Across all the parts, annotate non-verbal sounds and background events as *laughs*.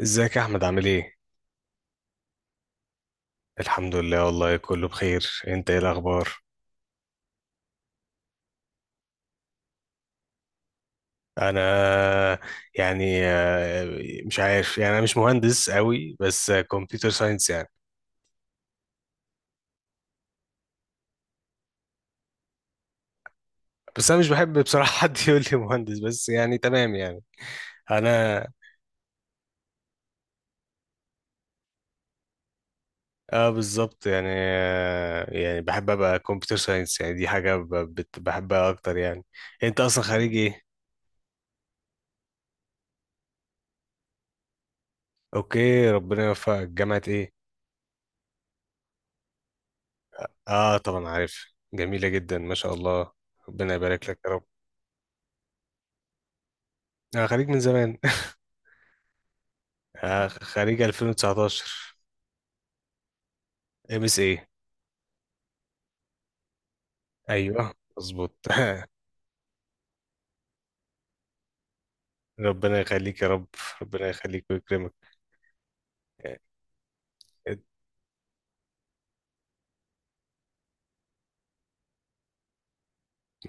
ازيك يا احمد، عامل ايه؟ الحمد لله والله، كله بخير. انت ايه الاخبار؟ انا يعني مش عارف يعني، انا مش مهندس قوي، بس كمبيوتر ساينس يعني. بس انا مش بحب بصراحة *laughs* حد يقول لي مهندس، بس يعني تمام يعني. انا اه بالظبط يعني يعني بحب ابقى كمبيوتر ساينس، يعني دي حاجة بحبها اكتر يعني. انت اصلا خريج ايه؟ اوكي، ربنا يوفقك. جامعة ايه؟ اه، طبعا عارف. جميلة جدا ما شاء الله. ربنا يبارك لك يا رب. أنا خريج من زمان. *laughs* خريج 2019. MSI. ايوه، مظبوط. *laughs* ربنا يخليك يا رب. ربنا يخليك ويكرمك. آه.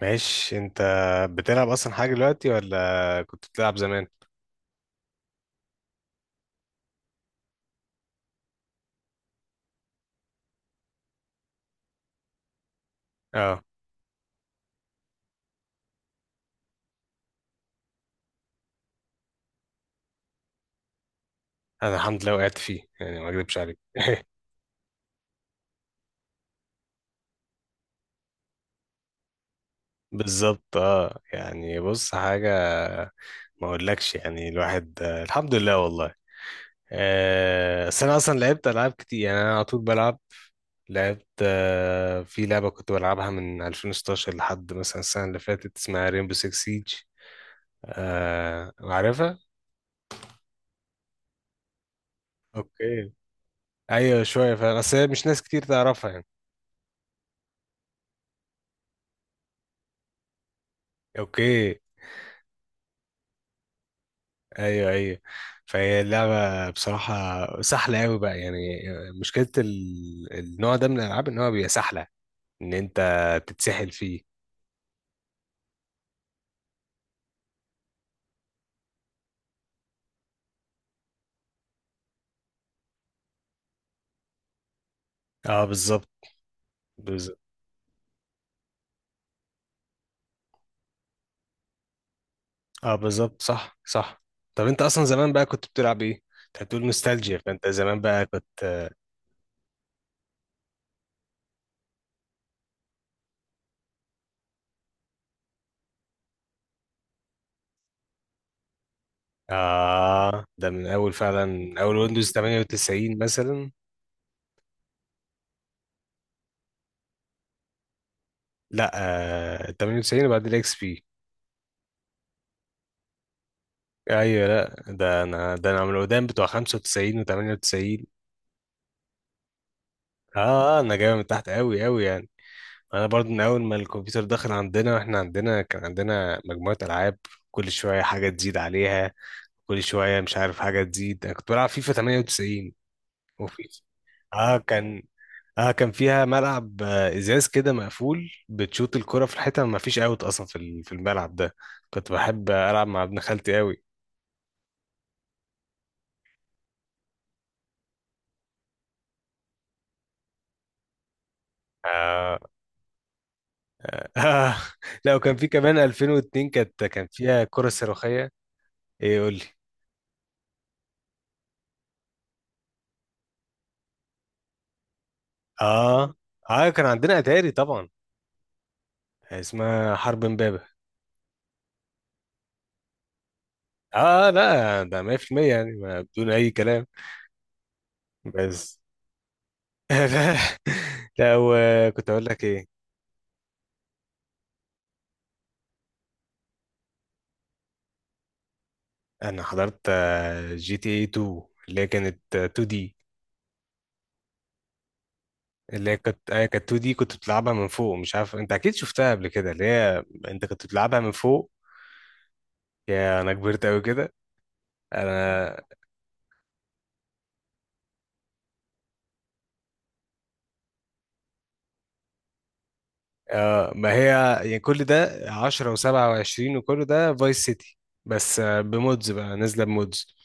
ماشي. انت بتلعب اصلا حاجه دلوقتي ولا كنت بتلعب زمان؟ اه، انا الحمد لله وقعت فيه يعني، ما اكذبش عليك. بالظبط. اه، يعني بص حاجه. ما اقولكش، يعني الواحد الحمد لله والله. بس انا اصلا لعبت العاب كتير، يعني انا على طول بلعب. لعبت في لعبة كنت بلعبها من 2016 لحد مثلا السنة اللي فاتت، اسمها ريمبو 6 سيج. آه، عارفها؟ اوكي. ايوه، شوية فاهم، بس هي مش ناس كتير تعرفها يعني. اوكي. ايوه، ايوه. فهي اللعبة بصراحة سهلة قوي بقى يعني. مشكلة النوع ده من الألعاب، إن هو بيبقى سهلة. إن أنت تتسحل فيه. اه، بالظبط. بالظبط. اه، بالظبط. صح، صح. طب أنت أصلا زمان بقى كنت بتلعب إيه؟ أنت بتقول نوستالجيا، فأنت زمان بقى كنت. آه، ده من أول فعلا، من أول ويندوز 98 مثلا. لا. آه، 98 وبعد الإكس بي. أيوه، لا، ده أنا من القدام بتوع 95 و98. أنا جاي من تحت أوي أوي يعني. أنا برضو من أول ما الكمبيوتر دخل عندنا، وإحنا عندنا كان عندنا مجموعة ألعاب. كل شوية حاجة تزيد عليها. كل شوية مش عارف حاجة تزيد. أنا كنت بلعب فيفا 98. وفيفا كان، اه كان فيها ملعب ازاز كده مقفول، بتشوط الكرة في الحيطة، ما فيش اوت اصلا في في الملعب ده. كنت بحب العب مع ابن خالتي قوي. آه. *laughs* آه. لا، وكان في كمان 2002، كان فيها كرة صاروخية. ايه، قول لي. اه، اه، كان عندنا اتاري طبعا. اسمها حرب امبابة. اه، لا ده 100% يعني، ما بدون اي كلام. بس. *laughs* لا، لا، وكنت اقول لك ايه. انا حضرت GTA 2. اللي هي كانت 2 دي. اللي هي كانت 2 دي، كنت بتلعبها من فوق، مش عارف، انت اكيد شفتها قبل كده، اللي هي. انت كنت بتلعبها من فوق. يا، انا كبرت قوي كده. انا. آه، ما هي. يعني كل ده 10 و27، وكل ده فايس سيتي. بس بمودز بقى، نازله بمودز.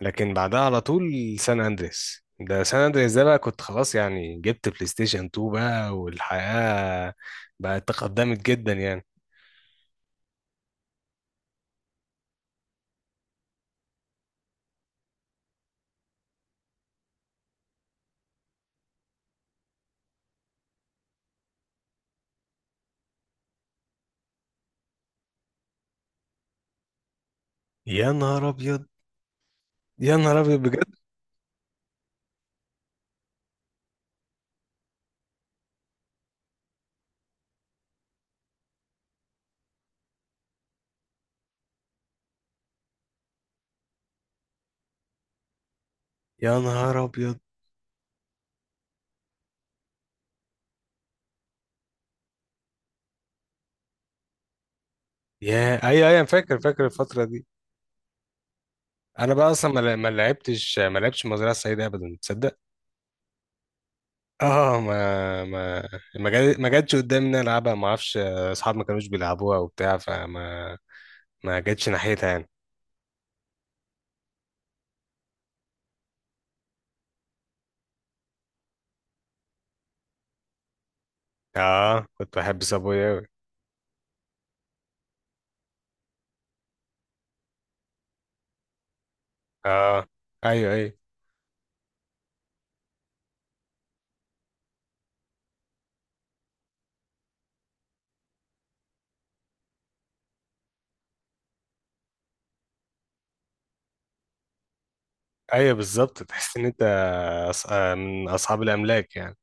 لكن بعدها على طول. سان اندريس ده بقى كنت خلاص يعني، جبت بلاي ستيشن 2 بقى، والحياة بقت تقدمت جدا يعني. يا نهار ابيض. يا نهار ابيض بجد. يا نهار ابيض. يا اي اي انا فاكر الفتره دي. انا بقى اصلا ما لعبتش المزرعه السعيده ابدا، تصدق؟ اه. ما جاتش قدامي ان أنا العبها، ما اعرفش، اصحابي ما كانوش بيلعبوها وبتاع، فما ما جاتش ناحيتها يعني. اه، كنت بحب صابوي قوي. اه، ايوه، ايوه. ايوه بالظبط، تحس ان انت أص... آه، من اصحاب الاملاك يعني.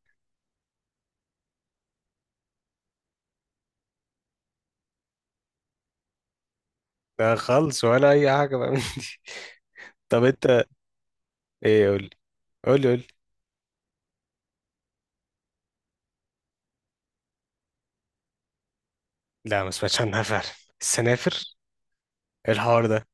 لا خالص، ولا اي حاجه بقى من دي. *laughs* طب انت. ايه، قول لي، قول لي، قول لي. لا، ما سمعتش عنها فعلا. السنافر. إيه الحوار ده؟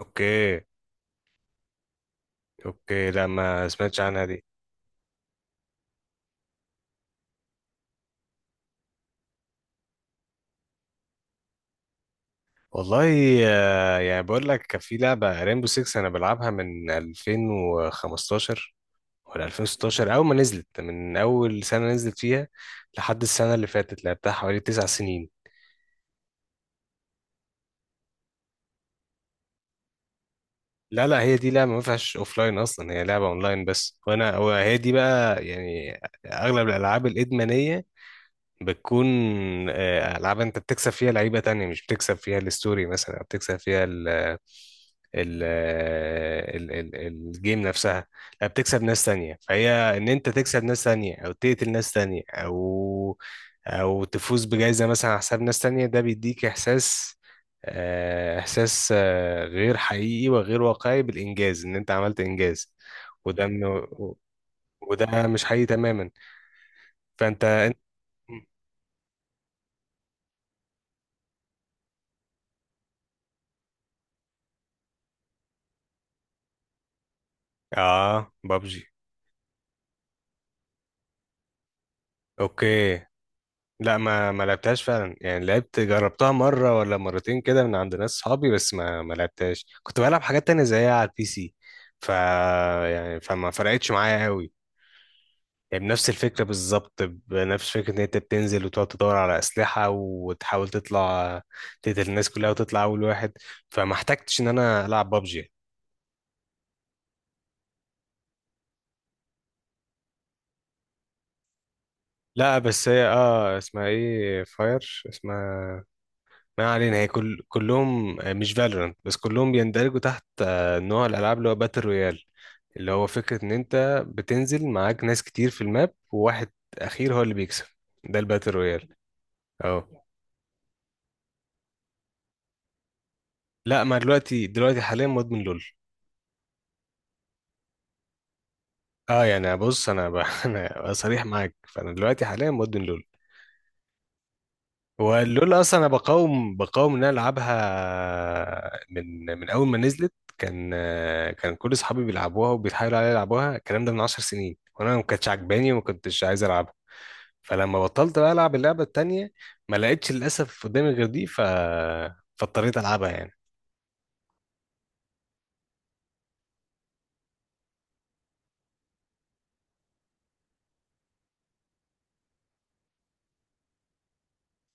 اوكي. اوكي، لا ما سمعتش عنها دي. والله يعني بقول لك، كان في لعبة ريمبو 6 انا بلعبها من 2015 ولا 2016، اول ما نزلت، من اول سنة نزلت فيها. لحد السنة اللي فاتت، لعبتها حوالي 9 سنين. لا، لا، هي دي لعبة ما فيهاش اوفلاين اصلا، هي لعبة اونلاين بس. وانا هو، هي دي بقى يعني، اغلب الالعاب الادمانية بتكون ألعاب أنت بتكسب فيها لعيبة تانية، مش بتكسب فيها الستوري مثلا، أو بتكسب فيها ال ال ال ال الجيم نفسها. لا، بتكسب ناس تانية. فهي إن أنت تكسب ناس تانية، أو تقتل ناس تانية، أو تفوز بجائزة مثلا على حساب ناس تانية، ده بيديك إحساس، غير حقيقي وغير واقعي بالإنجاز، إن أنت عملت إنجاز. وده من- وده مش حقيقي تماما. فأنت أنت- آه، بابجي. اوكي. لا، ما لعبتهاش فعلا يعني، لعبت، جربتها مره ولا مرتين كده من عند ناس صحابي، بس ما لعبتهاش، كنت بلعب حاجات تانية زيها على البي سي. يعني فما فرقتش معايا قوي يعني، بنفس الفكره بالظبط، بنفس فكره ان انت بتنزل وتقعد تدور على اسلحه وتحاول تطلع، تقتل الناس كلها وتطلع اول واحد. فما احتجتش ان انا العب بابجي. لا بس هي، اسمها ايه، فاير اسمها. ما علينا، هي كلهم مش فالورانت بس، كلهم بيندرجوا تحت نوع الالعاب اللي هو باتل رويال، اللي هو فكره ان انت بتنزل معاك ناس كتير في الماب، وواحد اخير هو اللي بيكسب. ده الباتل رويال. اه، لا، ما دلوقتي حاليا مدمن لول. اه، يعني بص، *laughs* انا صريح معاك، فانا دلوقتي حاليا مدمن لول. واللول اصلا انا بقاوم ان انا العبها من اول ما نزلت. كان كان كل اصحابي بيلعبوها وبيتحايلوا عليا يلعبوها، الكلام ده من 10 سنين، وانا ما كانتش عجباني وما كنتش عايز العبها. فلما بطلت بقى العب اللعبه التانيه، ما لقيتش للاسف قدامي غير دي، فاضطريت العبها يعني.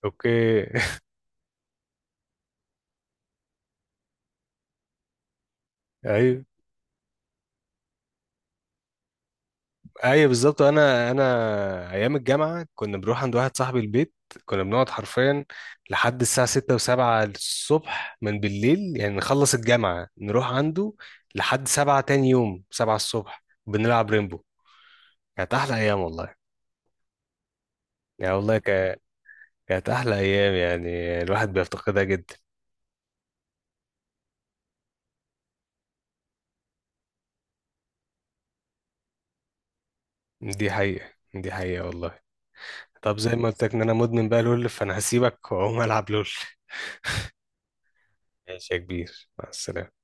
اوكي. *laughs* ايوه، ايوه بالظبط. انا ايام الجامعه كنا بنروح عند واحد صاحبي البيت، كنا بنقعد حرفيا لحد الساعه 6 و7 الصبح من بالليل يعني، نخلص الجامعه نروح عنده لحد 7 تاني يوم، 7 الصبح بنلعب ريمبو. كانت احلى ايام والله. يعني والله كانت احلى ايام، يعني الواحد بيفتقدها جدا. دي حقيقه، دي حقيقه والله. طب زي ما قلت لك ان انا مدمن بقى لول، فانا هسيبك واقوم العب لول. ماشي يا كبير، مع السلامه.